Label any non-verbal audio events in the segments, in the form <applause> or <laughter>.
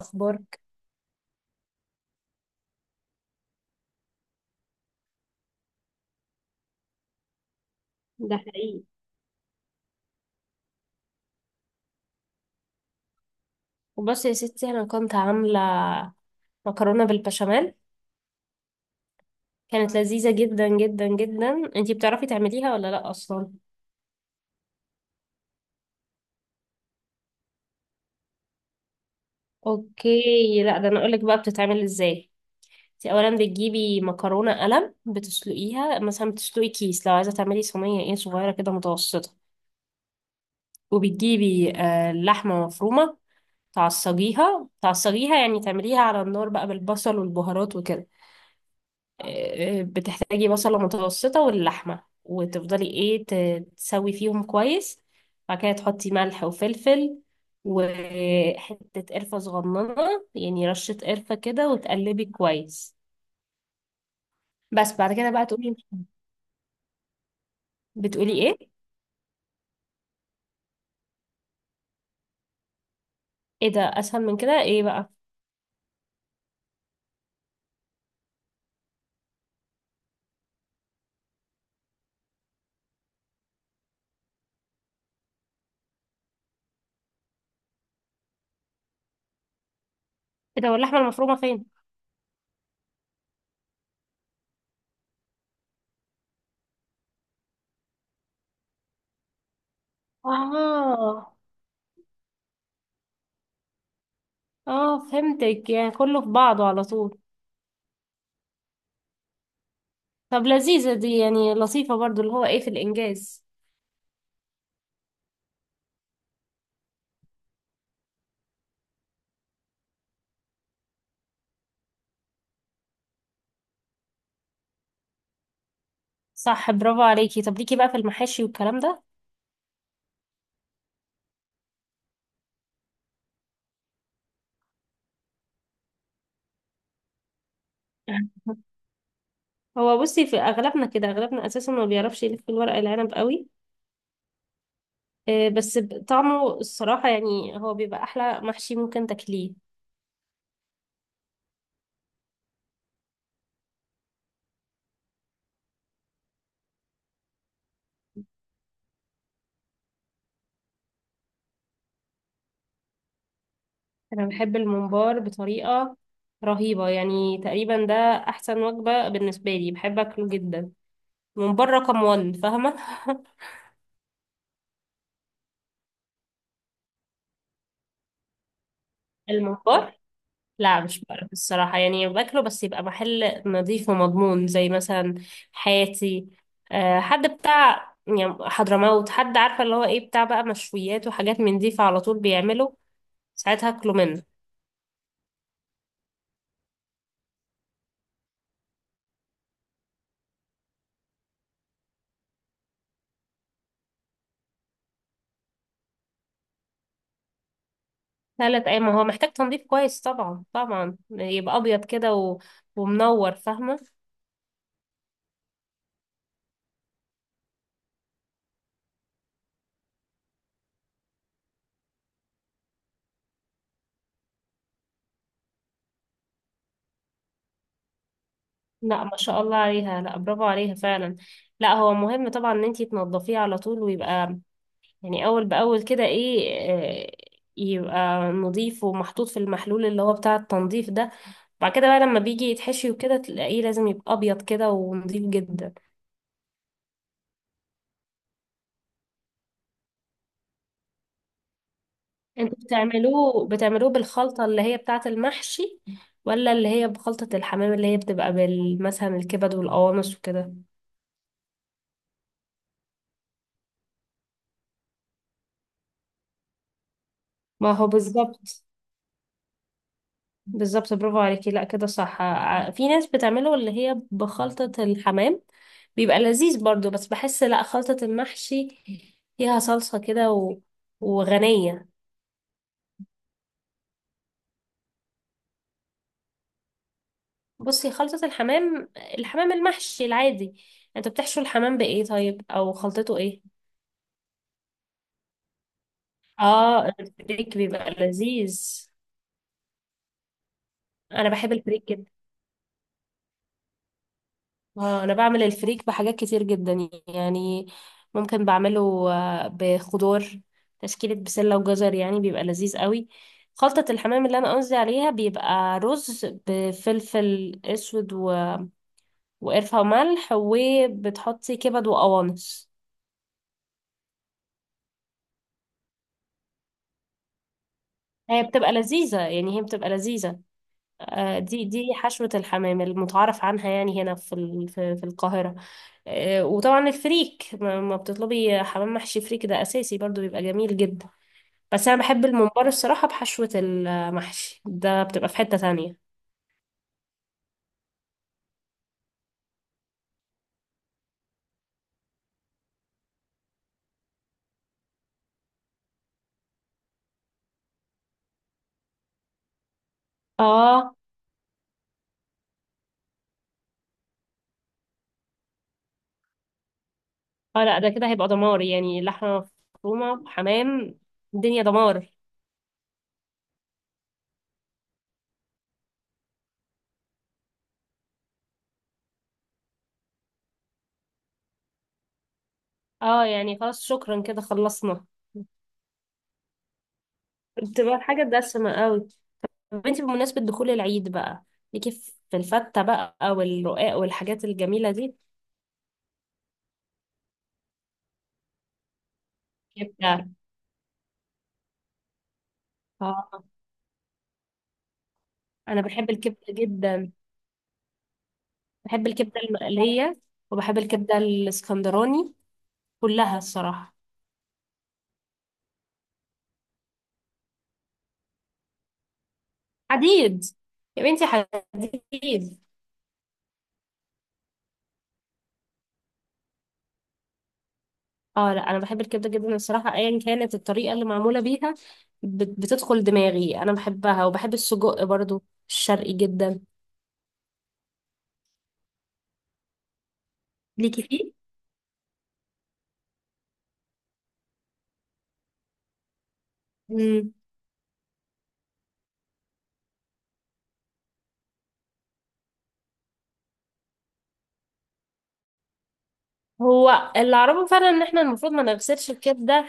اخبارك. ده حقيقي. وبس يا ستي انا كنت عامله مكرونه بالبشاميل. كانت لذيذه جدا جدا جدا. انتي بتعرفي تعمليها ولا لا اصلا؟ اوكي، لا ده انا اقولك بقى بتتعمل ازاي. انتي اولا بتجيبي مكرونه قلم بتسلقيها، مثلا بتسلقي كيس لو عايزه تعملي صينيه ايه صغيره كده متوسطه. وبتجيبي لحمه مفرومه. تعصجيها تعصجيها، يعني تعمليها على النار بقى بالبصل والبهارات وكده. بتحتاجي بصلة متوسطة واللحمة، وتفضلي ايه تسوي فيهم كويس. بعد كده تحطي ملح وفلفل وحتة قرفة صغننة، يعني رشة قرفة كده، وتقلبي كويس. بس بعد كده بقى تقولي. بتقولي ايه؟ ايه ده، اسهل من كده ايه بقى؟ ايه ده، واللحمة المفرومة فين؟ اه. اه، فهمتك، يعني كله في بعضه على طول. طب لذيذة دي، يعني لطيفة برضو اللي هو ايه في الانجاز. صح، برافو عليكي. طب ليكي بقى في المحاشي والكلام ده؟ هو بصي، في اغلبنا كده، اغلبنا اساسا ما بيعرفش يلف الورق العنب قوي. بس طعمه الصراحه، يعني هو بيبقى احلى محشي ممكن تاكليه. انا بحب الممبار بطريقه رهيبه، يعني تقريبا ده احسن وجبه بالنسبه لي، بحب اكله جدا. الممبار رقم 1، فاهمه؟ <laughs> الممبار. لا، مش بعرف الصراحة، يعني باكله بس يبقى محل نظيف ومضمون، زي مثلا حياتي، حد بتاع يعني حضرموت، حد عارفة اللي هو ايه بتاع بقى مشويات وحاجات من دي، فعلى طول بيعمله ساعتها اكله منه. 3 ايام، ما هو محتاج تنظيف كويس، طبعا طبعا. يبقى ابيض كده ومنور، فاهمة؟ لا، ما شاء الله عليها، لا برافو عليها فعلا. لا هو مهم طبعا ان انتي تنظفيه على طول، ويبقى يعني اول باول كده، ايه. آه، يبقى نضيف ومحطوط في المحلول اللي هو بتاع التنظيف ده، وبعد كده بقى لما بيجي يتحشي وكده تلاقيه لازم يبقى ابيض كده ونضيف جدا. انتوا بتعملوه بالخلطة اللي هي بتاعة المحشي، ولا اللي هي بخلطة الحمام، اللي هي بتبقى مثلا الكبد والقوانص وكده؟ ما هو بالظبط. بالظبط، برافو عليكي. لا كده صح. في ناس بتعمله اللي هي بخلطة الحمام، بيبقى لذيذ برضو. بس بحس لا، خلطة المحشي فيها صلصة كده وغنية. بصي، خلطة الحمام، الحمام المحشي العادي، انت بتحشو الحمام بإيه طيب، او خلطته ايه؟ اه، الفريك بيبقى لذيذ. انا بحب الفريك. اه، انا بعمل الفريك بحاجات كتير جدا، يعني ممكن بعمله بخضار تشكيلة بسلة وجزر، يعني بيبقى لذيذ قوي. خلطة الحمام اللي انا قصدي عليها بيبقى رز بفلفل اسود وقرفة وملح، وبتحطي كبد وقوانص. هي بتبقى لذيذة، يعني هي بتبقى لذيذة. دي حشوة الحمام المتعارف عنها، يعني هنا في ال- في في القاهرة. وطبعا الفريك، ما بتطلبي حمام محشي فريك ده أساسي برضو، بيبقى جميل جدا. بس أنا بحب الممبار الصراحة، بحشوة المحشي ده بتبقى في حتة تانية. اه. اه، لا، ده كده هيبقى دمار. يعني لحمة مفرومة حمام، الدنيا دمار. اه، يعني خلاص شكرا كده، خلصنا. بتبقى الحاجة دسمة قوي. طب انتي بمناسبة دخول العيد بقى، ليكي في الفتة بقى والرقاق والحاجات الجميلة دي؟ كبدة؟ اه، انا بحب الكبدة جدا، بحب الكبدة المقلية، وبحب الكبدة الاسكندراني، كلها الصراحة. حديد، يا بنتي حديد. اه، لا انا بحب الكبدة جدا الصراحة، ايا كانت الطريقة اللي معمولة بيها، بتدخل دماغي، انا بحبها، وبحب السجق برضو، الشرقي جدا. ليكي فيه؟ مم. هو اللي اعرفه فعلا ان احنا المفروض ما نغسلش الكبده،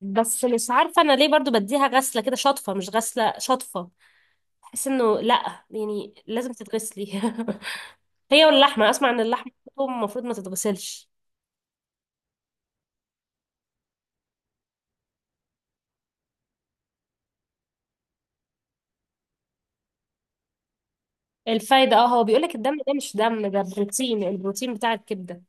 بس مش عارفة أنا ليه برضو بديها غسلة كده شطفة، مش غسلة شطفة. بحس إنه لأ، يعني لازم تتغسلي. <laughs> هي واللحمة، أسمع إن اللحمة برضو المفروض ما تتغسلش. الفايدة، اه، هو بيقولك الدم ده مش دم، ده بروتين، البروتين بتاع الكبدة.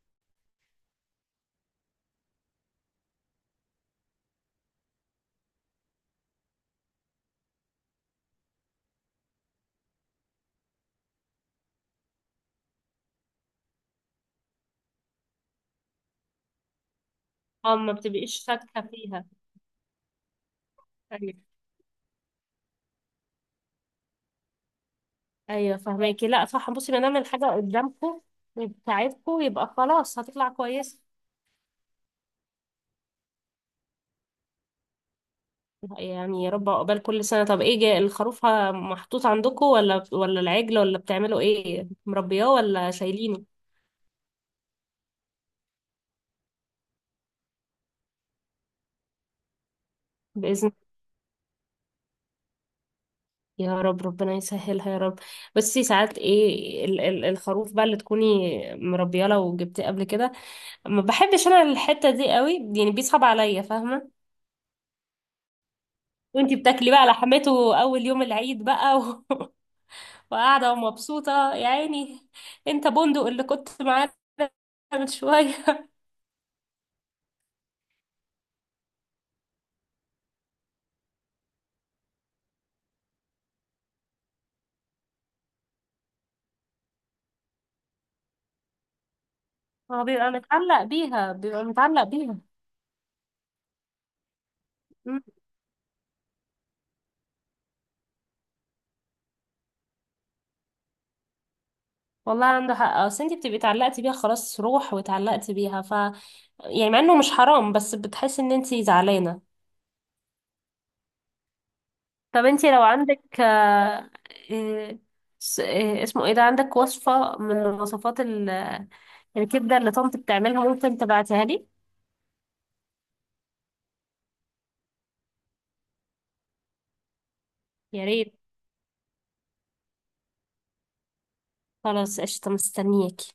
اه، ما بتبقيش شاكة فيها. أيوة، أيوة فهماكي. لأ صح، بصي ما دام الحاجة قدامكوا بتاعتكوا، يبقى خلاص هتطلع كويسة. يعني يا رب عقبال كل سنة. طب ايه، الخروف محطوط عندكم، ولا العجل، ولا بتعملوا ايه، مربياه ولا شايلينه؟ بإذن، يا رب، ربنا يسهلها يا رب. بس ساعات ايه، الخروف بقى اللي تكوني مربياه، لو جبتيه قبل كده، ما بحبش انا الحتة دي قوي، يعني بيصعب عليا، فاهمة؟ وانتي بتاكلي بقى لحمته اول يوم العيد بقى و <laughs> وقاعدة ومبسوطة، يا عيني. انت بندق اللي كنت معانا من شوية. هو بيبقى متعلق بيها، بيبقى متعلق بيها. مم. والله عنده حق، اصل انت بتبقي اتعلقتي بيها، خلاص روح واتعلقتي بيها، ف يعني مع انه مش حرام، بس بتحسي ان انت زعلانه. طب انت لو عندك إيه، إيه، اسمه ايه ده، عندك وصفه من وصفات الكبده اللي طنط بتعملها، ممكن تبعتيها لي؟ يا ريت. خلاص قشطه، مستنياكي.